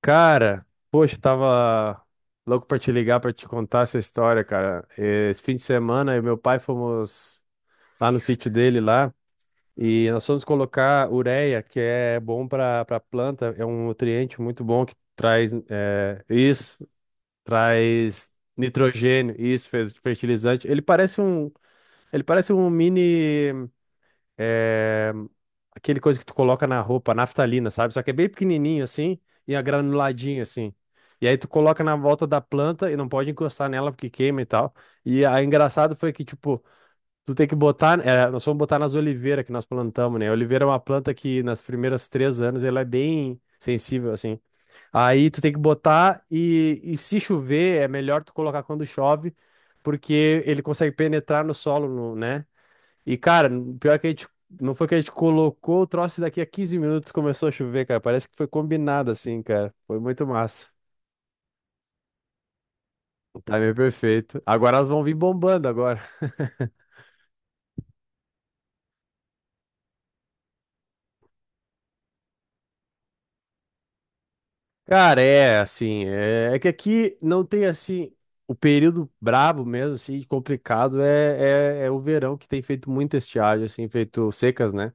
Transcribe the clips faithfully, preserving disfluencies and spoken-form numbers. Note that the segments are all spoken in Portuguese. Cara, poxa, tava louco pra te ligar pra te contar essa história, cara. Esse fim de semana, eu e meu pai fomos lá no sítio dele lá e nós fomos colocar ureia, que é bom pra para planta, é um nutriente muito bom que traz é, isso, traz nitrogênio, isso, fez fertilizante. Ele parece um, ele parece um mini é, aquele coisa que tu coloca na roupa, naftalina, sabe? Só que é bem pequenininho assim e é granuladinho assim. E aí tu coloca na volta da planta e não pode encostar nela porque queima e tal. E aí engraçado foi que, tipo, tu tem que botar. É, nós fomos botar nas oliveiras que nós plantamos, né? A oliveira é uma planta que nas primeiras três anos ela é bem sensível, assim. Aí tu tem que botar e, e se chover, é melhor tu colocar quando chove, porque ele consegue penetrar no solo, no- né? E, cara, pior que a gente. Não foi que a gente colocou o troço e daqui a quinze minutos começou a chover, cara. Parece que foi combinado assim, cara. Foi muito massa. O Time é perfeito. Agora elas vão vir bombando agora. Cara, é assim. É, é que aqui não tem assim. O período brabo mesmo, assim, complicado, é, é, é o verão que tem feito muita estiagem, assim, feito secas, né?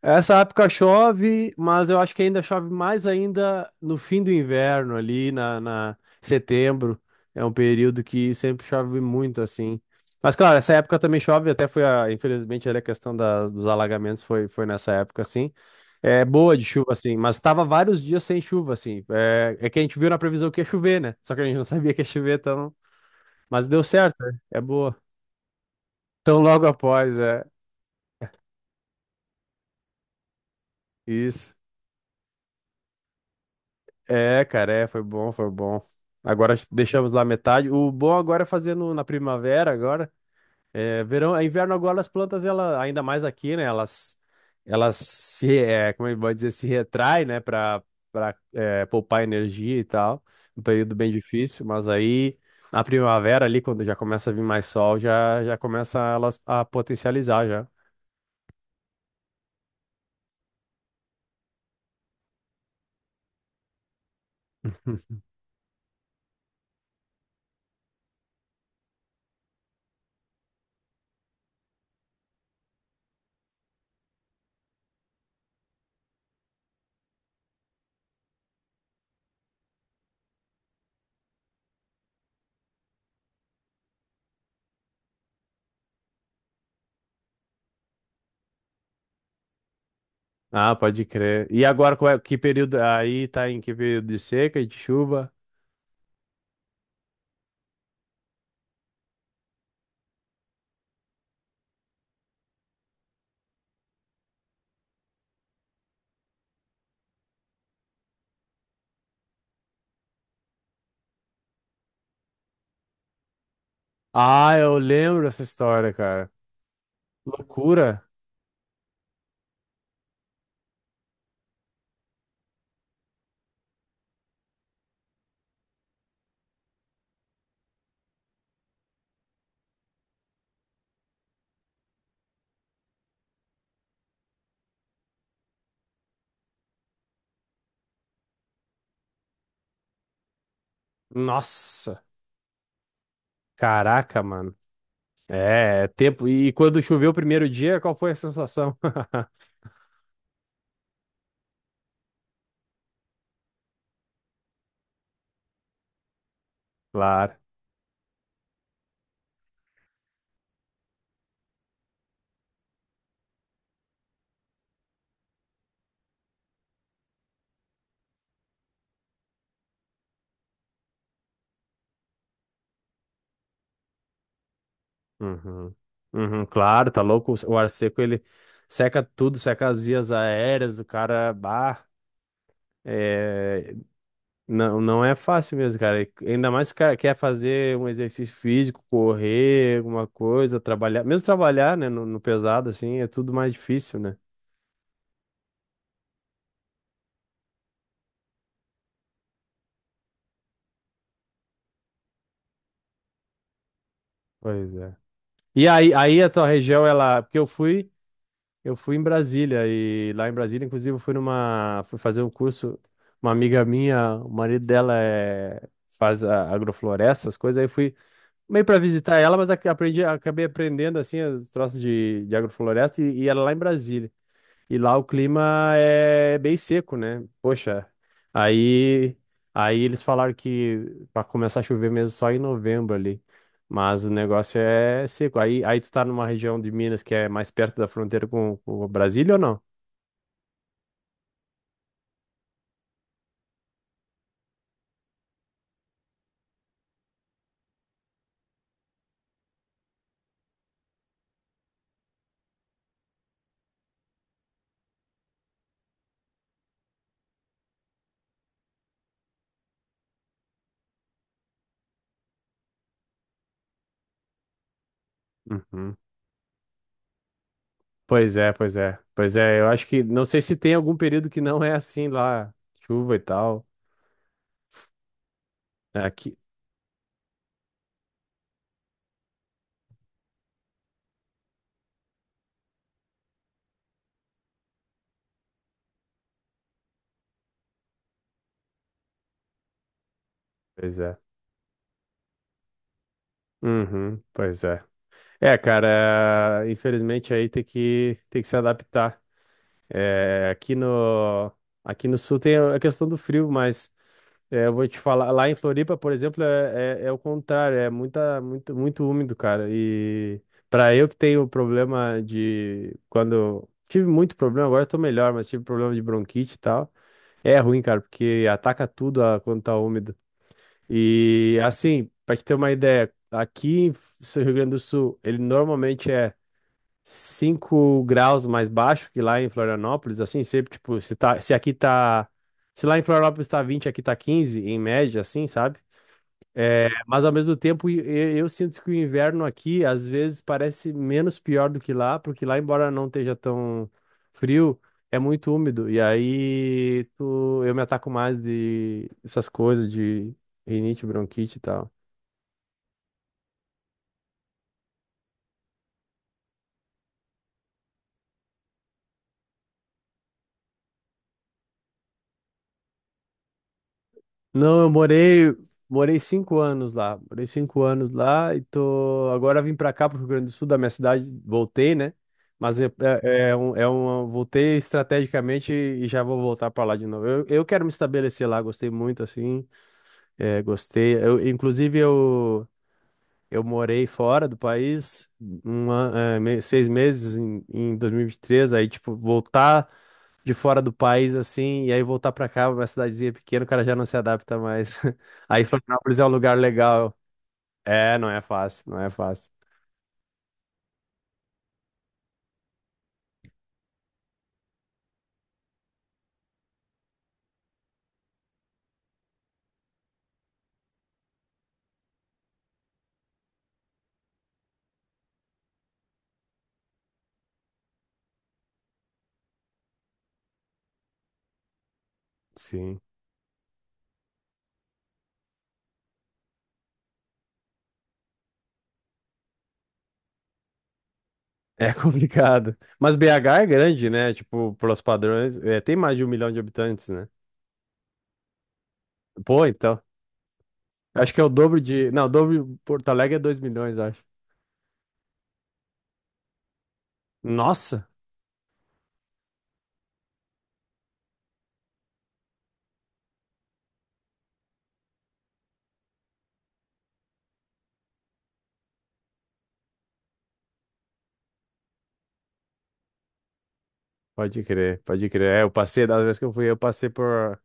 Essa época chove, mas eu acho que ainda chove mais ainda no fim do inverno, ali na, na setembro. É um período que sempre chove muito, assim. Mas, claro, essa época também chove, até foi a, infelizmente, ali a questão das, dos alagamentos foi, foi nessa época, assim. É boa de chuva, assim, mas estava vários dias sem chuva, assim. É, é que a gente viu na previsão que ia chover, né? Só que a gente não sabia que ia chover, então. Mas deu certo, né? É boa. Tão logo após, é. Isso. É, cara, é, foi bom, foi bom. Agora deixamos lá metade. O bom agora é fazer no- na primavera agora. É, verão, é inverno agora as plantas ela ainda mais aqui, né? Elas elas se, é, como é que pode dizer, se retrai, né, para para poupar energia e tal. Um período bem difícil, mas aí na primavera ali quando já começa a vir mais sol, já já começa elas a potencializar já. Ah, pode crer. E agora qual é, que período aí tá em que período de seca e de chuva? Ah, eu lembro essa história, cara. Loucura. Nossa. Caraca, mano. É, é tempo. E quando choveu o primeiro dia, qual foi a sensação? Claro. Uhum. Uhum, claro, tá louco. O ar seco, ele seca tudo, seca as vias aéreas do cara. Bah, é, não, não é fácil mesmo, cara. E ainda mais se o cara quer fazer um exercício físico, correr, alguma coisa, trabalhar. Mesmo trabalhar, né, no no pesado, assim, é tudo mais difícil, né? Pois é. E aí, aí a tua região, ela. Porque eu fui, eu fui em Brasília, e lá em Brasília, inclusive, eu fui numa. Fui fazer um curso. Uma amiga minha, o marido dela é, faz a- agrofloresta, essas coisas. Aí eu fui meio para visitar ela, mas ac- aprendi, acabei aprendendo assim, os troços de, de agrofloresta, e, e ela lá em Brasília. E lá o clima é bem seco, né? Poxa, aí, aí eles falaram que para começar a chover mesmo só em novembro ali. Mas o negócio é seco. Aí, aí tu tá numa região de Minas que é mais perto da fronteira com, com o Brasília ou não? Uhum. Pois é, pois é. Pois é, eu acho que não sei se tem algum período que não é assim lá, chuva e tal. né? Aqui. Pois é. Uhum, pois é. É, cara, infelizmente aí tem que tem que se adaptar. É, aqui no, aqui no sul tem a questão do frio, mas é, eu vou te falar, lá em Floripa, por exemplo, é, é, é o contrário, é muita, muito, muito úmido, cara. E para eu que tenho problema de quando tive muito problema, agora eu tô melhor, mas tive problema de bronquite e tal. É ruim, cara, porque ataca tudo ah, quando tá úmido. E assim, para te ter uma ideia, aqui em F- Rio Grande do Sul, ele normalmente é cinco graus mais baixo que lá em Florianópolis, assim, sempre, tipo, se tá, se aqui tá, se lá em Florianópolis tá vinte aqui tá quinze em média, assim, sabe? É, mas ao mesmo tempo, e- e- eu, sinto que o inverno aqui, às vezes, parece menos pior do que lá, porque lá, embora não esteja tão frio, é muito úmido, e aí tu, eu me ataco mais de essas coisas de rinite, bronquite e tal. Não, eu morei, morei cinco anos lá. Morei cinco anos lá e tô. Agora vim pra cá, pro Rio Grande do Sul, da minha cidade, voltei, né? Mas é, é, é um, é uma- Voltei estrategicamente e já vou voltar pra lá de novo. Eu, eu quero me estabelecer lá, gostei muito, assim. É, gostei. Eu, inclusive, eu, eu morei fora do país um an- é, me- seis meses em, em dois mil e vinte e três. Aí, tipo, voltar de fora do país, assim, e aí voltar pra cá, uma cidadezinha pequena, o cara já não se adapta mais. Aí Florianópolis é um lugar legal. É, não é fácil, não é fácil. Sim. É complicado. Mas B H é grande, né? Tipo, pelos padrões, é, tem mais de um milhão de habitantes, né? Pô, então. Acho que é o dobro de. Não, o dobro de Porto Alegre é dois milhões, eu acho. Nossa! Pode crer, pode crer. É, eu passei, da vez que eu fui, eu passei por.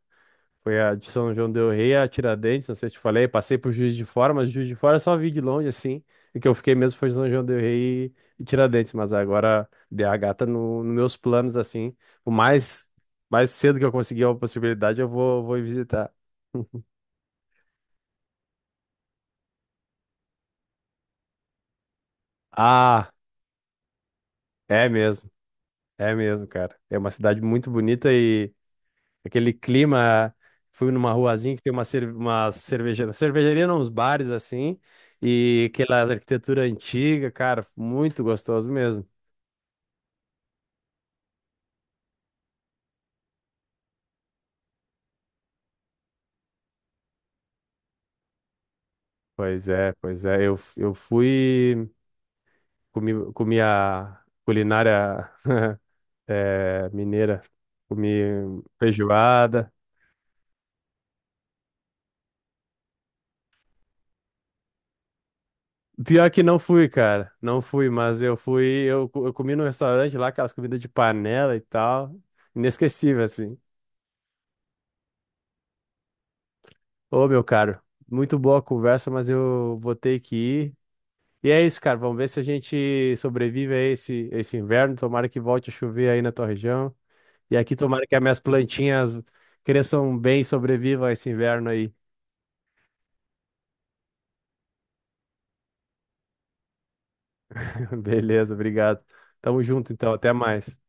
Foi a de São João del Rei, a Tiradentes, não sei se te falei. Passei por Juiz de Fora, mas Juiz de Fora eu só vi de longe, assim. O que eu fiquei mesmo foi São João del Rei e Tiradentes, mas agora B H tá no, nos meus planos, assim. O mais, mais cedo que eu conseguir uma possibilidade, eu vou, vou ir visitar. Ah, é mesmo, é mesmo, cara. É uma cidade muito bonita e aquele clima, fui numa ruazinha que tem uma, cer- uma cervejaria, cervejaria não, uns bares assim, e aquela arquitetura antiga, cara, muito gostoso mesmo. Pois é, pois é, eu, eu fui, comi, comi a culinária eh, mineira, comi feijoada. Pior que não fui, cara, não fui, mas eu fui, eu, co- eu comi num restaurante lá, aquelas comidas de panela e tal, inesquecível, assim. Ô, meu caro, muito boa a conversa, mas eu vou ter que ir. E é isso, cara. Vamos ver se a gente sobrevive a esse, esse inverno. Tomara que volte a chover aí na tua região. E aqui, tomara que as minhas plantinhas cresçam bem e sobrevivam a esse inverno aí. Beleza, obrigado. Tamo junto, então. Até mais.